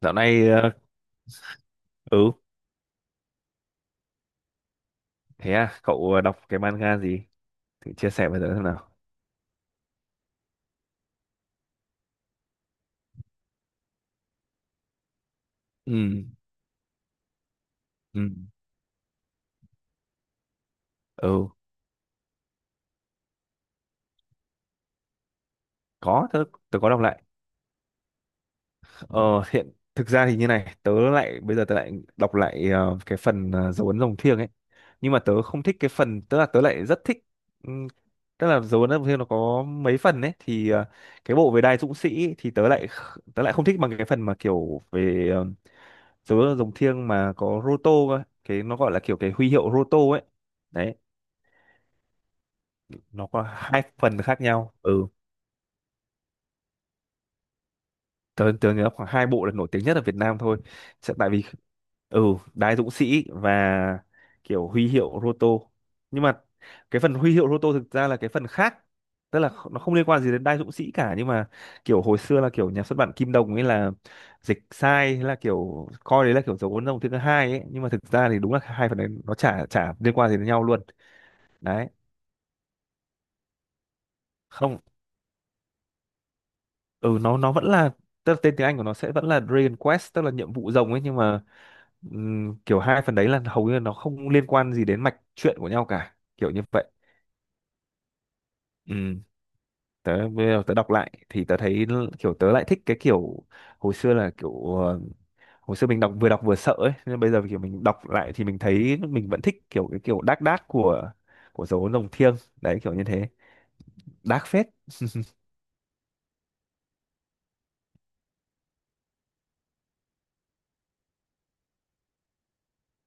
Dạo này ừ, thế à, cậu đọc cái manga gì, thử chia sẻ với tớ xem nào. Ừ, ừ, ừ, có tớ, có đọc lại. ờ Hiện thực ra thì như này, tớ lại bây giờ tớ lại đọc lại cái phần dấu ấn rồng thiêng ấy. Nhưng mà tớ không thích cái phần, tức là tớ lại rất thích. ừm, Tức là dấu ấn rồng thiêng nó có mấy phần ấy thì cái bộ về đai dũng sĩ ấy, thì tớ lại không thích bằng cái phần mà kiểu về dấu ấn rồng thiêng mà có Roto cơ. Cái nó gọi là kiểu cái huy hiệu Roto ấy, đấy nó có hai phần khác nhau. Ừ, tớ tớ nhớ khoảng hai bộ là nổi tiếng nhất ở Việt Nam thôi. Chắc tại vì, ừ, Đái Dũng Sĩ và kiểu huy hiệu Roto, nhưng mà cái phần huy hiệu Roto thực ra là cái phần khác, tức là nó không liên quan gì đến Đái Dũng Sĩ cả. Nhưng mà kiểu hồi xưa là kiểu nhà xuất bản Kim Đồng ấy là dịch sai, thế là kiểu coi đấy là kiểu dấu ấn dòng thứ hai ấy, nhưng mà thực ra thì đúng là hai phần đấy nó chả chả liên quan gì đến nhau luôn. Đấy. Không. Ừ, nó vẫn là, tức là tên tiếng Anh của nó sẽ vẫn là Dragon Quest, tức là nhiệm vụ rồng ấy. Nhưng mà kiểu hai phần đấy là hầu như là nó không liên quan gì đến mạch truyện của nhau cả, kiểu như vậy. Ừ. Bây giờ tớ đọc lại thì tớ thấy kiểu tớ lại thích cái kiểu hồi xưa là kiểu, hồi xưa mình đọc vừa sợ ấy, nhưng bây giờ kiểu mình đọc lại thì mình thấy mình vẫn thích kiểu cái kiểu đác đác của dấu rồng thiêng, đấy kiểu như thế. Đác phết.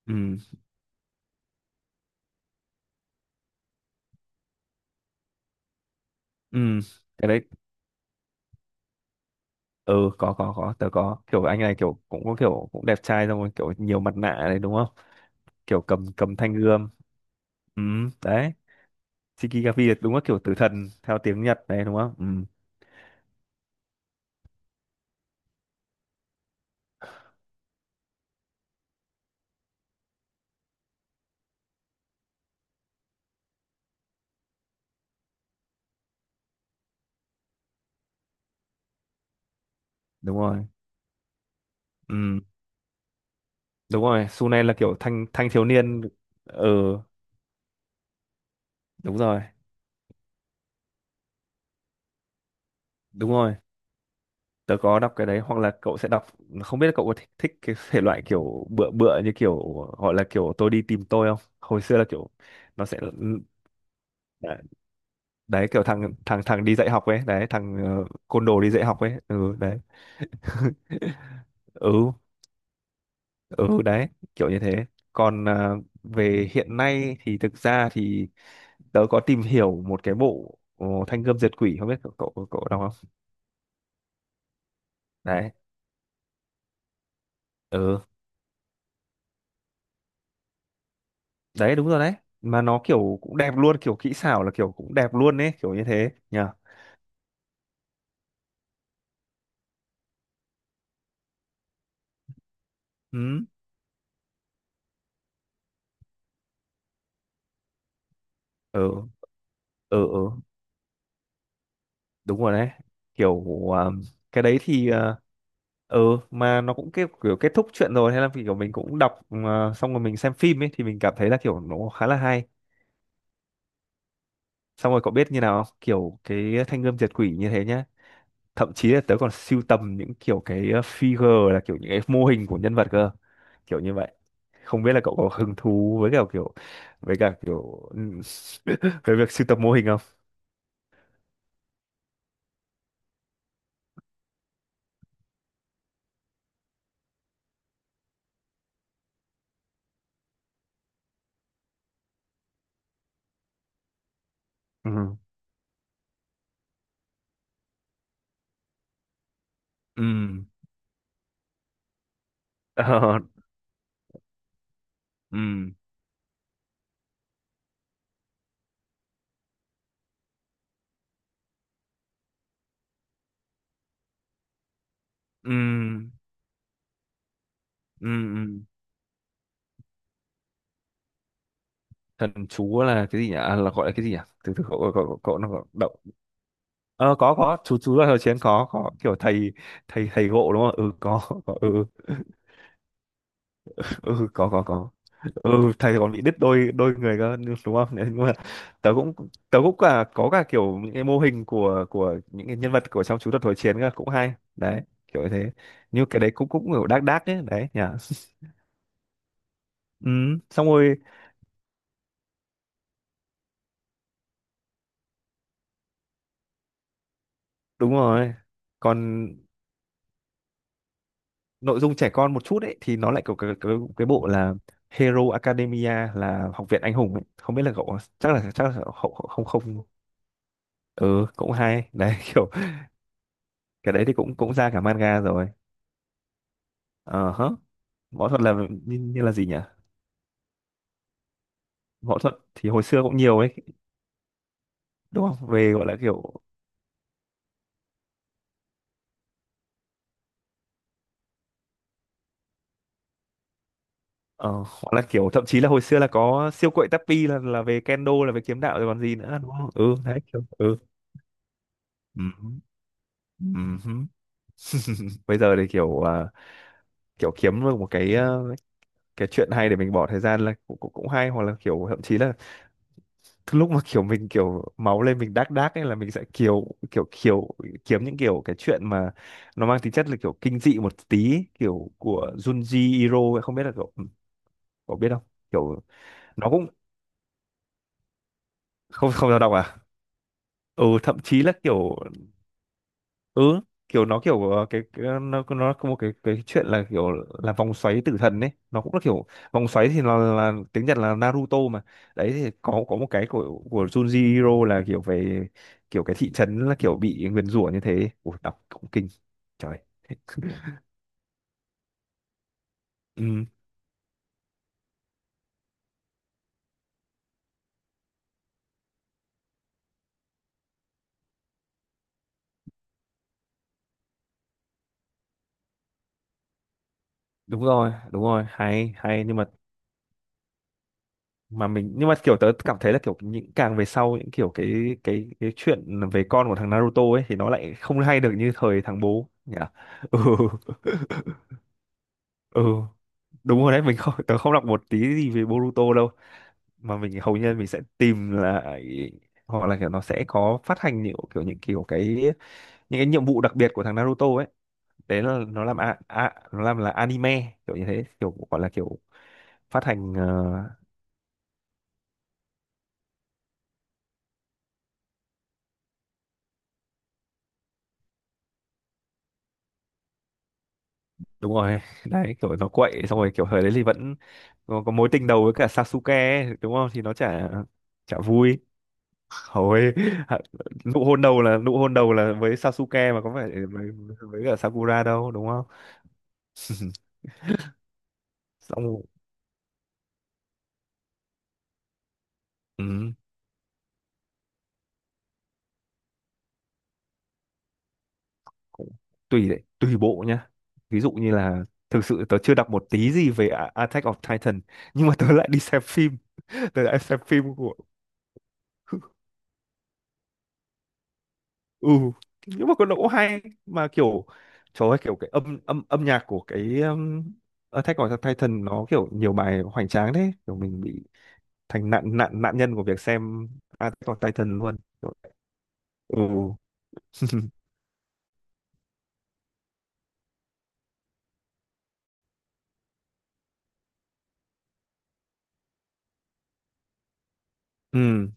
Ừ, ừ, ừ, có, tớ có kiểu anh này kiểu cũng có kiểu cũng đẹp trai, xong rồi kiểu nhiều mặt nạ này đúng không, kiểu cầm cầm thanh gươm. Ừ, đấy. Shikigami là đúng là kiểu tử thần theo tiếng Nhật đấy đúng không. Ừ, đúng rồi, ừ, đúng rồi. Sune là kiểu thanh thanh thiếu niên. Ừ, đúng rồi, đúng rồi. Tớ có đọc cái đấy, hoặc là cậu sẽ đọc, không biết là cậu có thích, cái thể loại kiểu bựa bựa, như kiểu gọi là kiểu tôi đi tìm tôi không, hồi xưa là kiểu nó sẽ, đấy, kiểu thằng thằng thằng đi dạy học ấy, đấy thằng côn đồ đi dạy học ấy. Ừ, đấy. Ừ, ừ, đấy kiểu như thế. Còn về hiện nay thì thực ra thì tớ có tìm hiểu một cái bộ Thanh Gươm Diệt Quỷ, không biết cậu cậu, cậu đọc không. Đấy. Ừ, đấy, đúng rồi đấy. Mà nó kiểu cũng đẹp luôn, kiểu kỹ xảo là kiểu cũng đẹp luôn ấy, kiểu như thế nhờ. Ừ, ừ, ừ, ừ, đúng rồi đấy, kiểu à, cái đấy thì ừ, mà nó cũng kiểu kết thúc chuyện rồi, hay là kiểu mình cũng đọc xong rồi mình xem phim ấy thì mình cảm thấy là kiểu nó khá là hay. Xong rồi cậu biết như nào không? Kiểu cái thanh gươm diệt quỷ như thế nhá, thậm chí là tớ còn sưu tầm những kiểu cái figure, là kiểu những cái mô hình của nhân vật cơ, kiểu như vậy. Không biết là cậu có hứng thú với cả kiểu, với cả kiểu về việc sưu tầm mô hình không. Ừ, ừ. Ờ, ừ, ừ, ừ, ừ. Thần chú là cái gì nhỉ? Là gọi là cái gì nhỉ? Từ từ cậu cậu cậu cậu nó đọc. Ờ, có, chú, là thời chiến, có, kiểu thầy thầy thầy gộ đúng không. Ừ, có, ừ. Ừ, có, có, có. Ừ, thầy còn bị đứt đôi, người cơ, đúng không? Nên mà tớ cũng, cả có cả kiểu những cái mô hình của những cái nhân vật của trong chú thuật hồi chiến cơ, cũng hay đấy, kiểu như thế. Như cái đấy cũng cũng kiểu đác đác ấy đấy nhỉ. Ừ, xong rồi, đúng rồi. Còn nội dung trẻ con một chút ấy thì nó lại có cái bộ là Hero Academia, là học viện anh hùng ấy. Không biết là cậu, chắc là không, không, không. Ừ, cũng hay đấy. Kiểu cái đấy thì cũng cũng ra cả manga rồi. Ờ hả, võ thuật là như, là gì nhỉ? Võ thuật thì hồi xưa cũng nhiều ấy, đúng không? Về gọi là kiểu, thậm chí là hồi xưa là có siêu quậy Tappy là về kendo, là về kiếm đạo rồi còn gì nữa đúng không. Ừ, đấy kiểu. Ừ. Ừm, ừm. Bây giờ thì kiểu kiểu kiếm được một cái cái chuyện hay để mình bỏ thời gian là cũng, cũng cũng hay, hoặc là kiểu thậm chí là lúc mà kiểu mình kiểu máu lên mình đác đác ấy là mình sẽ kiểu kiểu kiểu kiếm những kiểu cái chuyện mà nó mang tính chất là kiểu kinh dị một tí, kiểu của Junji Ito ấy, không biết là cậu cậu biết không. Kiểu nó cũng, không, không sao đọc à? Ừ, thậm chí là kiểu, ừ, kiểu nó kiểu cái nó có một cái chuyện là kiểu là vòng xoáy tử thần ấy, nó cũng là kiểu vòng xoáy thì nó là tiếng Nhật là Naruto mà. Đấy thì có một cái của Junji Hiro là kiểu về kiểu cái thị trấn là kiểu bị nguyền rủa như thế. Ủa, đọc cũng kinh trời. Ừ, đúng rồi, đúng rồi, hay hay, nhưng mà mình, nhưng mà kiểu tớ cảm thấy là kiểu những càng về sau, những kiểu cái chuyện về con của thằng Naruto ấy thì nó lại không hay được như thời thằng bố nhỉ. Ừ, ừ, đúng rồi đấy. Mình không Tớ không đọc một tí gì về Boruto đâu, mà mình hầu như mình sẽ tìm lại, hoặc là kiểu nó sẽ có phát hành những cái nhiệm vụ đặc biệt của thằng Naruto ấy. Đấy là nó làm là anime, kiểu như thế, kiểu gọi là kiểu phát hành đúng rồi. Đấy, kiểu nó quậy, xong rồi kiểu thời đấy thì vẫn có, mối tình đầu với cả Sasuke ấy, đúng không thì nó chả chả vui hồi. Nụ hôn đầu là với Sasuke, mà có phải với, cả Sakura đâu đúng không. Xong rồi, ừ, cũng tùy đấy, tùy bộ nhá. Ví dụ như là, thực sự tớ chưa đọc một tí gì về Attack of Titan, nhưng mà tớ lại đi xem phim, tớ lại xem phim của. Ừ, nhưng mà có độ hay mà kiểu trời ơi, kiểu cái âm âm âm nhạc của cái Attack of Titan nó kiểu nhiều bài hoành tráng đấy, kiểu mình bị thành nạn nạn nạn nhân của việc xem Attack of Titan luôn. Kiểu- ừ. Ừ,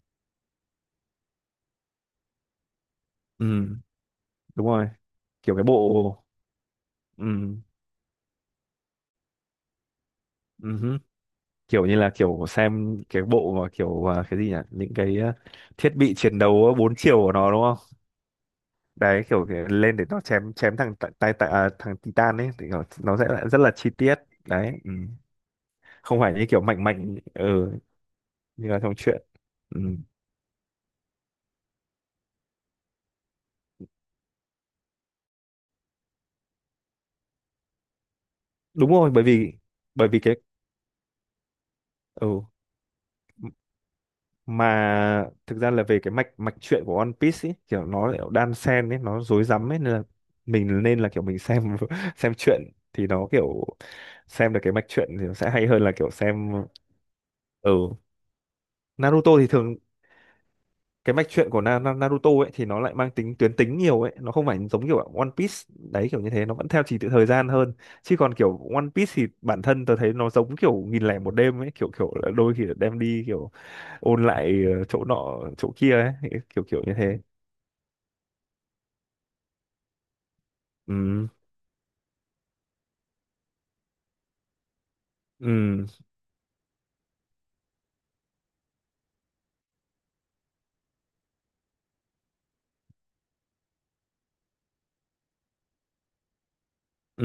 ừ, đúng rồi, kiểu cái bộ, ừ, ừ, kiểu như là kiểu xem cái bộ mà kiểu cái gì nhỉ, những cái thiết bị chiến đấu bốn chiều của nó đúng không, đấy kiểu cái lên để nó chém chém thằng Titan ấy thì kiểu nó sẽ lại rất là chi tiết. Đấy. Ừ, không phải như kiểu mạnh mạnh. Ừ, như là trong truyện. Ừ, đúng rồi bởi vì, cái, ừ, mà thực ra là về cái mạch mạch truyện của One Piece ấy, kiểu nó lại đan xen ấy, nó rối rắm ấy, nên là kiểu mình xem. Xem truyện thì nó kiểu xem được cái mạch truyện thì nó sẽ hay hơn là kiểu xem. Ở Naruto thì thường, cái mạch truyện của Na Na- Naruto ấy thì nó lại mang tính tuyến tính nhiều ấy, nó không phải giống kiểu One Piece. Đấy, kiểu như thế, nó vẫn theo trình tự thời gian hơn. Chứ còn kiểu One Piece thì bản thân tớ thấy nó giống kiểu 1.001 đêm ấy, kiểu kiểu là đôi khi là đem đi kiểu ôn lại chỗ nọ chỗ kia ấy, kiểu kiểu như thế. Ừ, ừ, ừ,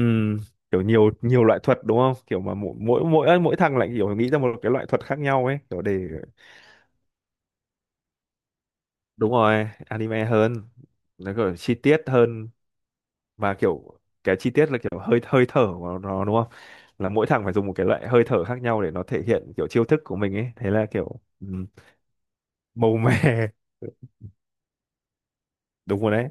kiểu nhiều nhiều loại thuật đúng không, kiểu mà mỗi mỗi mỗi mỗi thằng lại kiểu nghĩ ra một cái loại thuật khác nhau ấy, kiểu để. Đúng rồi, anime hơn, nó kiểu chi tiết hơn, và kiểu cái chi tiết là kiểu hơi hơi thở của nó đúng không, là mỗi thằng phải dùng một cái loại hơi thở khác nhau để nó thể hiện kiểu chiêu thức của mình ấy, thế là kiểu, ừ, màu mè. Đúng rồi đấy.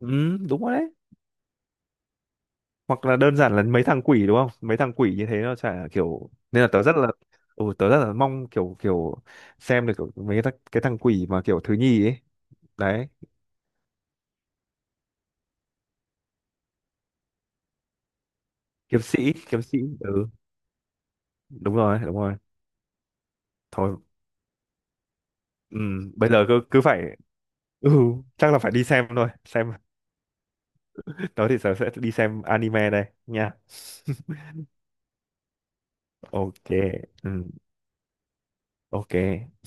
Ừ, đúng rồi đấy. Hoặc là đơn giản là mấy thằng quỷ đúng không, mấy thằng quỷ như thế nó chả, kiểu nên là tớ rất là, ừ, tớ rất là mong kiểu kiểu xem được kiểu mấy cái, cái thằng quỷ mà kiểu thứ nhì ấy. Đấy, kiếm sĩ, kiếm sĩ. Ừ, đúng rồi, đúng rồi, thôi. Ừ, bây giờ cứ cứ phải, ừ, chắc là phải đi xem thôi. Xem. Đó thì giờ sẽ đi xem anime đây nha. OK. Ừ, OK.